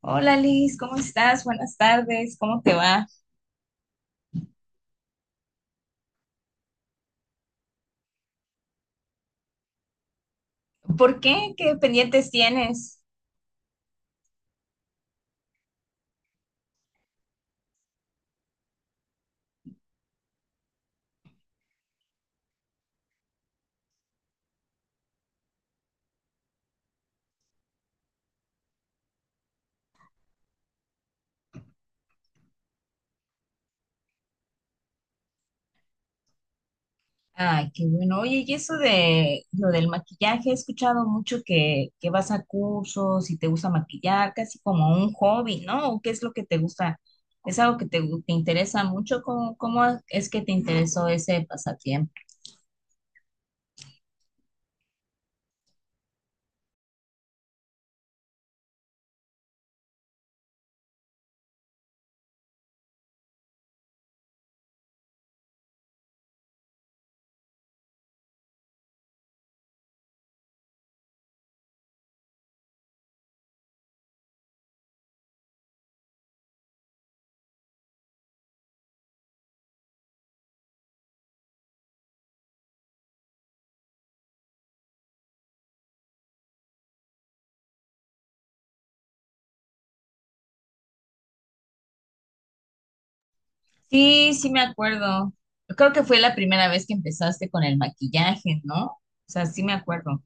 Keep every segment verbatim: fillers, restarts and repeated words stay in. Hola Liz, ¿cómo estás? Buenas tardes, ¿cómo te va? ¿Por qué? ¿Qué pendientes tienes? Ay, qué bueno. Oye, y eso de lo del maquillaje, he escuchado mucho que, que vas a cursos y te gusta maquillar, casi como un hobby, ¿no? ¿O qué es lo que te gusta? ¿Es algo que te, gu- te interesa mucho? ¿Cómo, cómo es que te interesó ese pasatiempo? Sí, sí me acuerdo. Creo que fue la primera vez que empezaste con el maquillaje, ¿no? O sea, sí me acuerdo.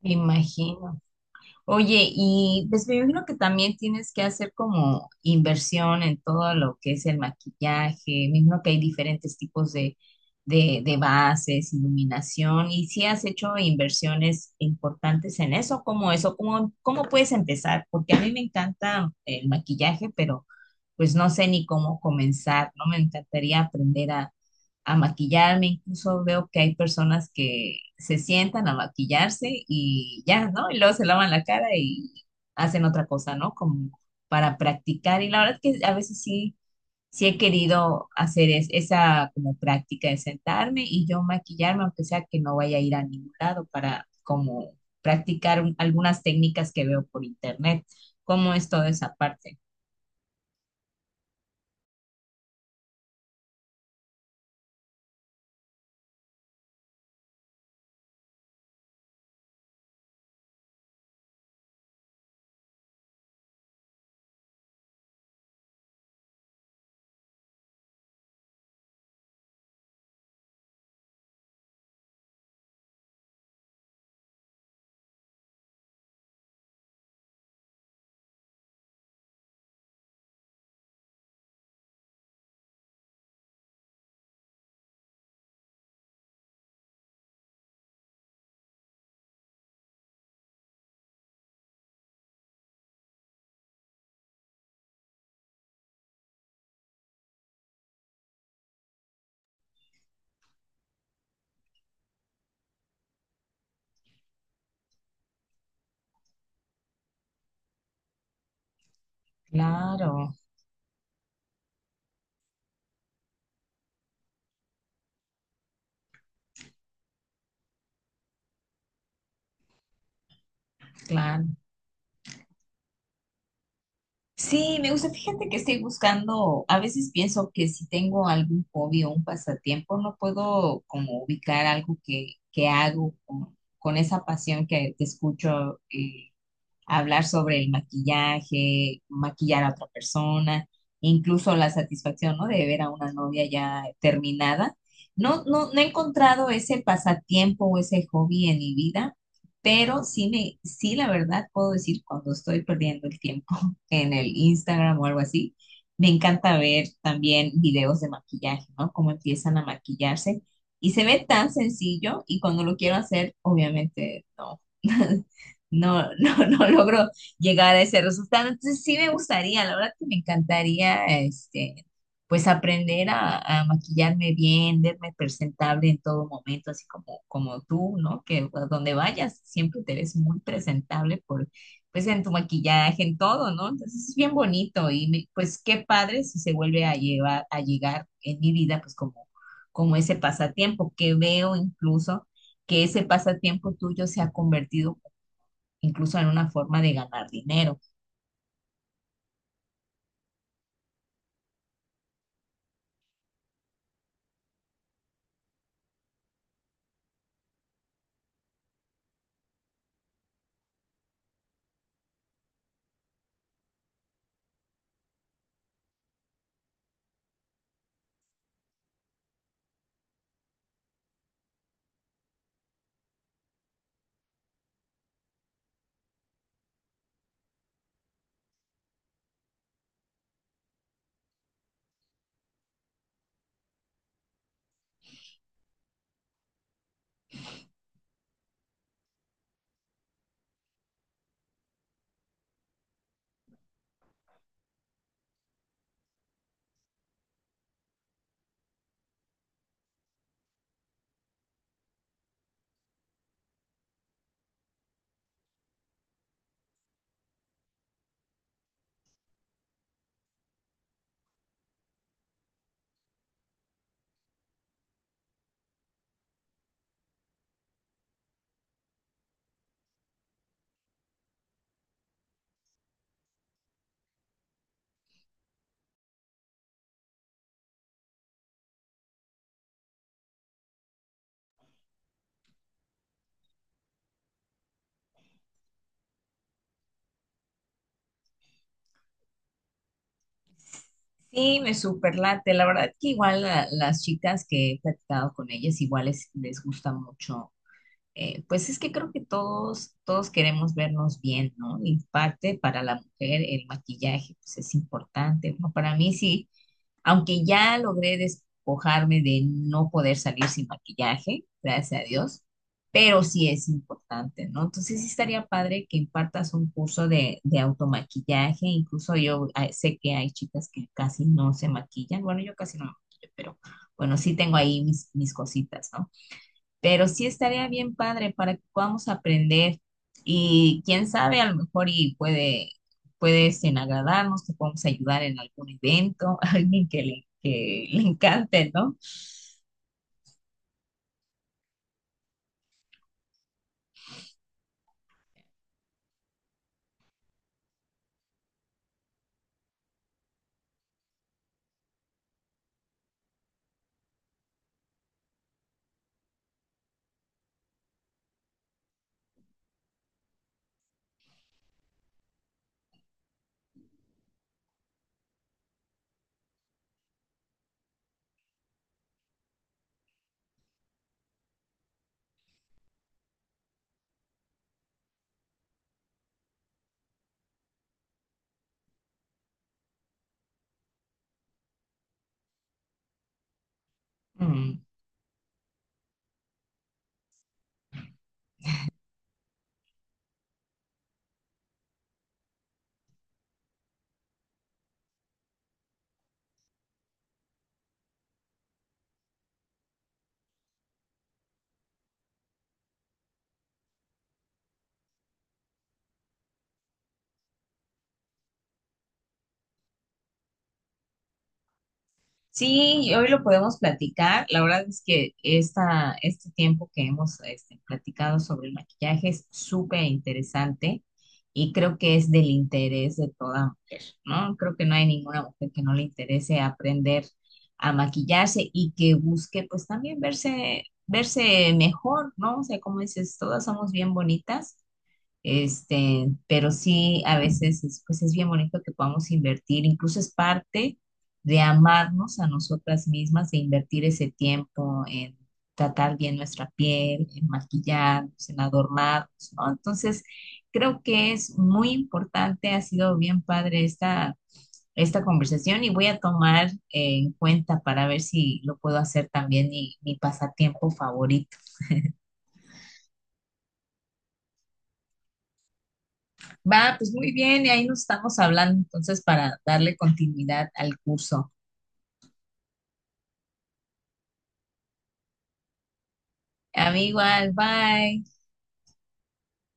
Me imagino. Oye, y pues me imagino que también tienes que hacer como inversión en todo lo que es el maquillaje. Me imagino que hay diferentes tipos de, de, de bases, iluminación. ¿Y si has hecho inversiones importantes en eso? ¿Cómo eso? ¿Cómo, cómo puedes empezar? Porque a mí me encanta el maquillaje, pero pues no sé ni cómo comenzar, ¿no? Me encantaría aprender a, a maquillarme, incluso veo que hay personas que se sientan a maquillarse y ya, ¿no? Y luego se lavan la cara y hacen otra cosa, ¿no? Como para practicar. Y la verdad es que a veces sí, sí he querido hacer es- esa como práctica de sentarme y yo maquillarme, aunque sea que no vaya a ir a ningún lado para como practicar un- algunas técnicas que veo por internet. ¿Cómo es toda esa parte? Claro. Claro. Sí, me gusta. Fíjate que estoy buscando, a veces pienso que si tengo algún hobby o un pasatiempo, no puedo como ubicar algo que, que hago con, con esa pasión que, que escucho. Eh, hablar sobre el maquillaje, maquillar a otra persona, incluso la satisfacción, ¿no? De ver a una novia ya terminada. No, no, no he encontrado ese pasatiempo o ese hobby en mi vida, pero sí me, sí, la verdad, puedo decir cuando estoy perdiendo el tiempo en el Instagram o algo así, me encanta ver también videos de maquillaje, ¿no? Cómo empiezan a maquillarse. Y se ve tan sencillo y cuando lo quiero hacer, obviamente no. No, no, no logro llegar a ese resultado. Entonces sí me gustaría, la verdad que me encantaría, este, pues aprender a, a maquillarme bien, verme presentable en todo momento, así como, como tú, ¿no? Que a donde vayas siempre te ves muy presentable por, pues en tu maquillaje, en todo, ¿no? Entonces es bien bonito y me- pues qué padre si se vuelve a llevar, a llegar en mi vida, pues como, como ese pasatiempo que veo incluso que ese pasatiempo tuyo se ha convertido incluso en una forma de ganar dinero. Sí, me superlate. La verdad que igual la- las chicas que he platicado con ellas, igual les, les gusta mucho. Eh, pues es que creo que todos, todos queremos vernos bien, ¿no? Y parte para la mujer el maquillaje, pues es importante. Bueno, para mí sí, aunque ya logré despojarme de no poder salir sin maquillaje, gracias a Dios, pero sí es importante, ¿no? Entonces sí estaría padre que impartas un curso de, de automaquillaje. Incluso yo ah, sé que hay chicas que casi no se maquillan. Bueno, yo casi no me maquillo, pero bueno, sí tengo ahí mis, mis cositas, ¿no? Pero sí estaría bien padre para que podamos aprender y quién sabe, a lo mejor y puede, puede este, agradarnos, te podemos ayudar en algún evento, alguien que le, que le encante, ¿no? Sí, y hoy lo podemos platicar. La verdad es que esta, este tiempo que hemos este, platicado sobre el maquillaje es súper interesante y creo que es del interés de toda mujer, ¿no? Creo que no hay ninguna mujer que no le interese aprender a maquillarse y que busque pues también verse, verse mejor, ¿no? O sea, como dices, todas somos bien bonitas este, pero sí, a veces es, pues es bien bonito que podamos invertir, incluso es parte de amarnos a nosotras mismas, de invertir ese tiempo en tratar bien nuestra piel, en maquillarnos, en adornarnos, ¿no? Entonces, creo que es muy importante, ha sido bien padre esta, esta conversación y voy a tomar eh, en cuenta para ver si lo puedo hacer también mi, mi pasatiempo favorito. Va, pues muy bien, y ahí nos estamos hablando entonces para darle continuidad al curso. Amigo, bye.